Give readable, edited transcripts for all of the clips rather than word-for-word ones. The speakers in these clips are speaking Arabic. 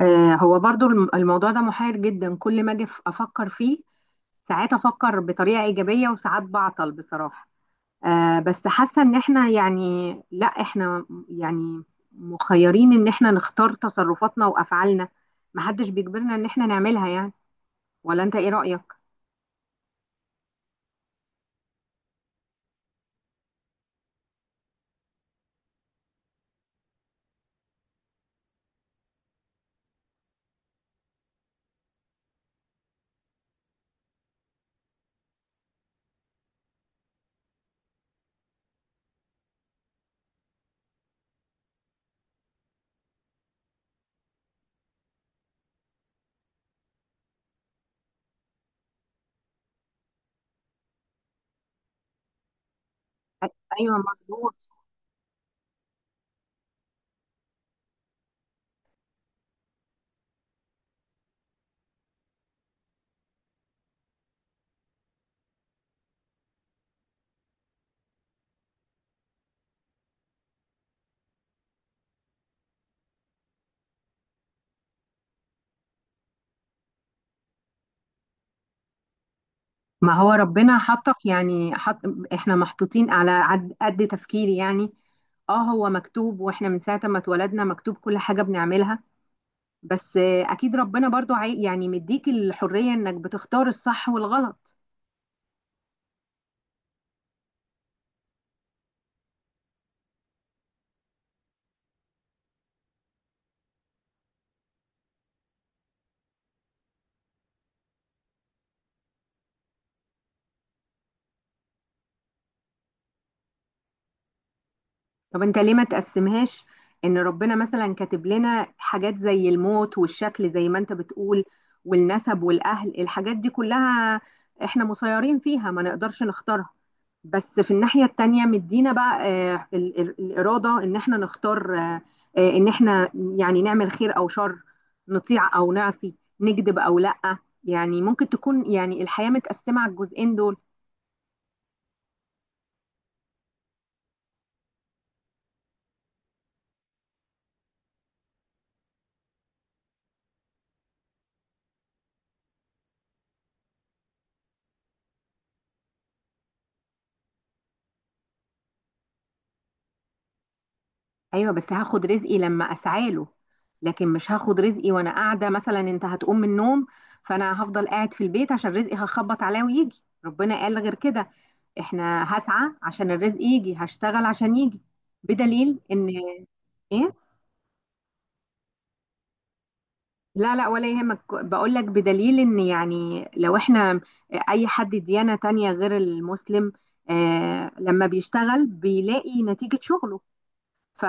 هو برضو الموضوع ده محير جدا كل ما اجي افكر فيه. ساعات افكر بطريقة ايجابية وساعات بعطل بصراحة. بس حاسة ان احنا يعني لا، احنا يعني مخيرين ان احنا نختار تصرفاتنا وافعالنا، محدش بيجبرنا ان احنا نعملها يعني. ولا انت ايه رأيك؟ ايوه مظبوط. ما هو ربنا حطك، يعني حط، احنا محطوطين على قد تفكيري يعني. اه، هو مكتوب، واحنا من ساعة ما اتولدنا مكتوب كل حاجة بنعملها، بس اكيد ربنا برضو يعني مديك الحرية انك بتختار الصح والغلط. طب انت ليه ما تقسمهاش؟ ان ربنا مثلا كاتب لنا حاجات زي الموت والشكل، زي ما انت بتقول، والنسب والاهل، الحاجات دي كلها احنا مسيرين فيها، ما نقدرش نختارها. بس في الناحية التانية مدينا بقى الإرادة ان احنا نختار، ان احنا يعني نعمل خير او شر، نطيع او نعصي، نكذب او لأ. يعني ممكن تكون يعني الحياة متقسمة على الجزئين دول. ايوه، بس هاخد رزقي لما اسعى له، لكن مش هاخد رزقي وانا قاعده. مثلا انت هتقوم من النوم فانا هفضل قاعد في البيت عشان رزقي هخبط عليه ويجي؟ ربنا قال غير كده. احنا هسعى عشان الرزق يجي، هشتغل عشان يجي، بدليل ان، ايه؟ لا لا، ولا يهمك. بقول لك بدليل ان، يعني لو احنا اي حد ديانة تانية غير المسلم، آه، لما بيشتغل بيلاقي نتيجة شغله. ف...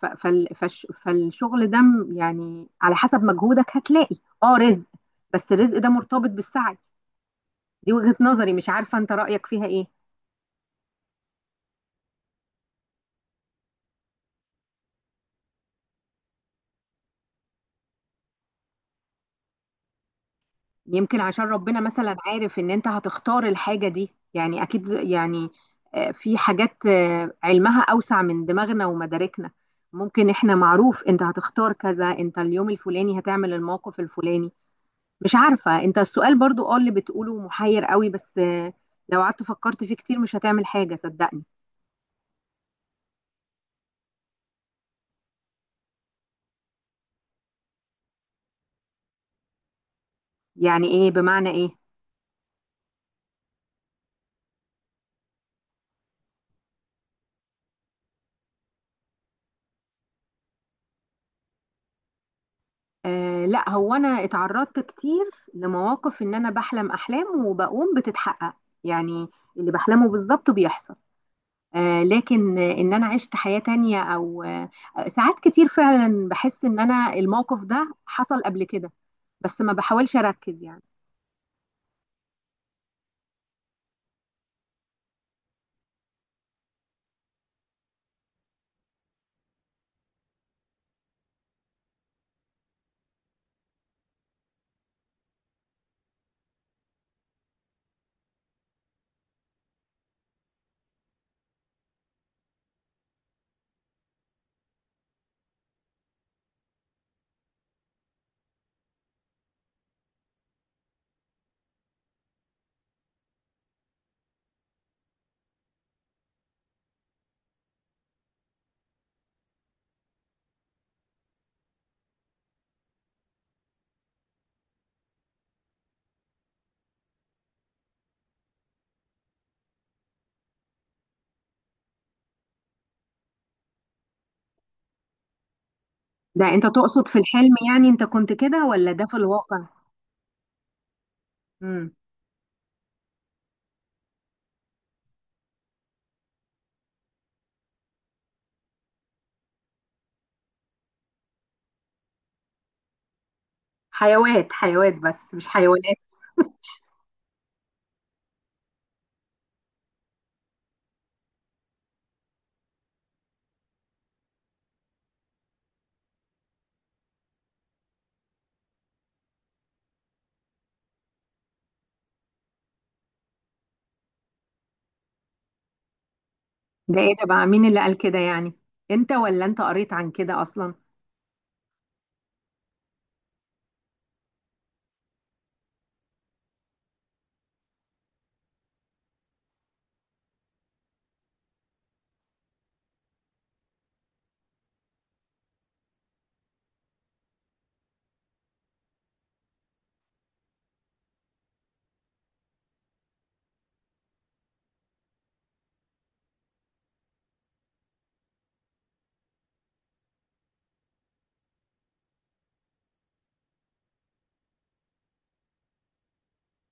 فالشغل ده يعني على حسب مجهودك هتلاقي اه رزق، بس الرزق ده مرتبط بالسعي. دي وجهة نظري، مش عارفة انت رأيك فيها ايه. يمكن عشان ربنا مثلا عارف ان انت هتختار الحاجة دي، يعني اكيد يعني في حاجات علمها اوسع من دماغنا ومداركنا. ممكن احنا، معروف انت هتختار كذا، انت اليوم الفلاني هتعمل الموقف الفلاني. مش عارفة، انت السؤال برضو اه اللي بتقوله محير قوي، بس لو قعدت فكرت فيه كتير مش هتعمل حاجة، صدقني. يعني ايه؟ بمعنى ايه؟ آه لا، هو انا اتعرضت كتير لمواقف ان انا بحلم احلام وبقوم بتتحقق، يعني اللي بحلمه بالظبط بيحصل. آه، لكن ان انا عشت حياة تانية او آه، ساعات كتير فعلا بحس ان انا الموقف ده حصل قبل كده، بس ما بحاولش اركز يعني. ده انت تقصد في الحلم، يعني انت كنت كده، ولا ده في الواقع؟ حيوات، حيوات، بس مش حيوانات. ده ايه ده بقى؟ مين اللي قال كده يعني؟ انت، ولا انت قريت عن كده اصلا؟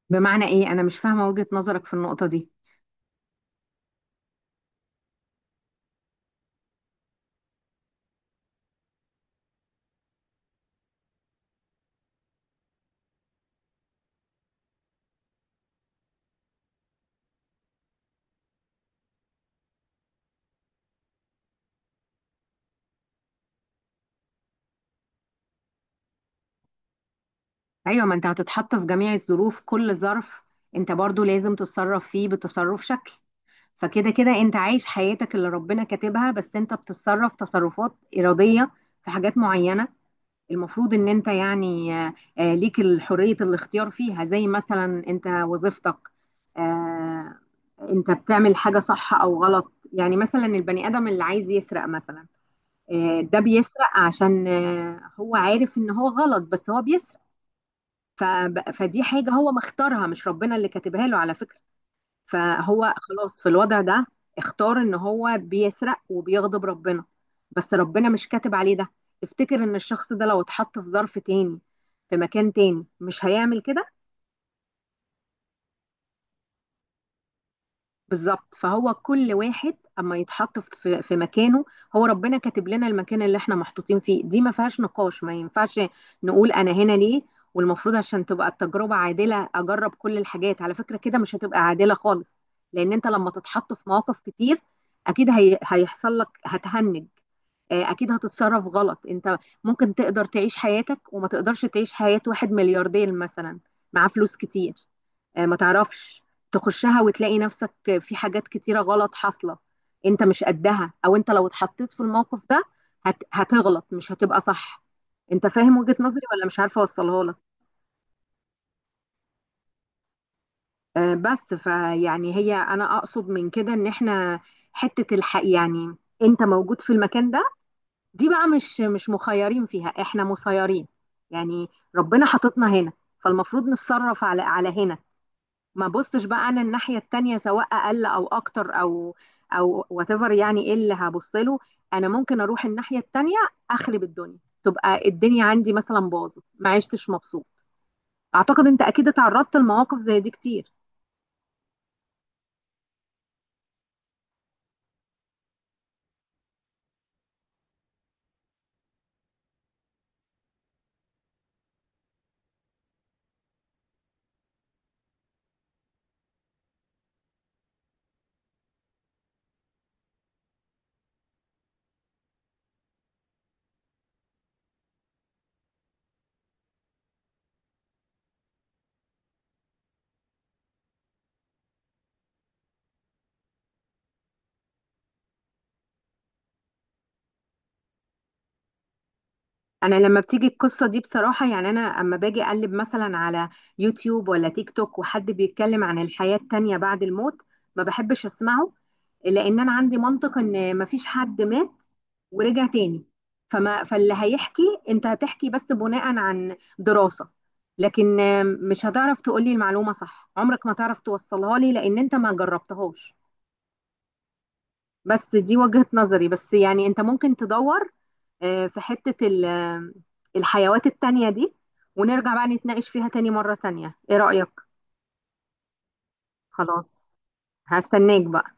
بمعنى ايه؟ انا مش فاهمة وجهة نظرك في النقطة دي. ايوه، ما انت هتتحط في جميع الظروف. كل ظرف انت برضو لازم تتصرف فيه بتصرف شكل. فكده كده انت عايش حياتك اللي ربنا كاتبها، بس انت بتتصرف تصرفات إرادية في حاجات معينة المفروض ان انت يعني ليك حرية الاختيار فيها، زي مثلا انت وظيفتك، آه، انت بتعمل حاجة صح او غلط. يعني مثلا البني ادم اللي عايز يسرق مثلا، ده بيسرق عشان هو عارف ان هو غلط، بس هو بيسرق. فدي حاجة هو مختارها، مش ربنا اللي كاتبها له على فكرة. فهو خلاص في الوضع ده اختار ان هو بيسرق وبيغضب ربنا، بس ربنا مش كاتب عليه ده. تفتكر ان الشخص ده لو اتحط في ظرف تاني، في مكان تاني، مش هيعمل كده؟ بالظبط. فهو كل واحد اما يتحط في مكانه، هو ربنا كاتب لنا المكان اللي احنا محطوطين فيه، دي ما فيهاش نقاش، ما ينفعش نقول انا هنا ليه. والمفروض عشان تبقى التجربة عادلة اجرب كل الحاجات؟ على فكرة كده مش هتبقى عادلة خالص، لان انت لما تتحط في مواقف كتير اكيد هي هيحصل لك هتهنج، اكيد هتتصرف غلط انت. ممكن تقدر تعيش حياتك وما تقدرش تعيش حياة واحد ملياردير مثلا، معاه فلوس كتير، ما تعرفش تخشها وتلاقي نفسك في حاجات كتيرة غلط حاصلة انت مش قدها. او انت لو اتحطيت في الموقف ده هتغلط، مش هتبقى صح. انت فاهم وجهة نظري، ولا مش عارفة اوصلها لك؟ بس فيعني، هي انا اقصد من كده ان احنا حتة الحق يعني، انت موجود في المكان ده، دي بقى مش مخيرين فيها، احنا مسيرين يعني. ربنا حاططنا هنا، فالمفروض نتصرف على هنا. ما بصش بقى انا الناحيه التانيه، سواء اقل او اكتر او او وات ايفر، يعني ايه اللي هبص له؟ انا ممكن اروح الناحيه التانيه اخرب الدنيا، تبقى الدنيا عندي مثلا باظت، ما عشتش مبسوط. اعتقد انت اكيد اتعرضت لمواقف زي دي كتير. انا لما بتيجي القصه دي بصراحه، يعني انا اما باجي اقلب مثلا على يوتيوب ولا تيك توك وحد بيتكلم عن الحياه التانيه بعد الموت، ما بحبش اسمعه، لان انا عندي منطق ان ما فيش حد مات ورجع تاني. فما، فاللي هيحكي، انت هتحكي بس بناء عن دراسه، لكن مش هتعرف تقولي المعلومه صح، عمرك ما تعرف توصلها لي لان انت ما جربتهاش. بس دي وجهة نظري. بس يعني انت ممكن تدور في حتة الحيوات التانية دي، ونرجع بقى نتناقش فيها تاني مرة تانية. ايه رأيك؟ خلاص، هستناك بقى.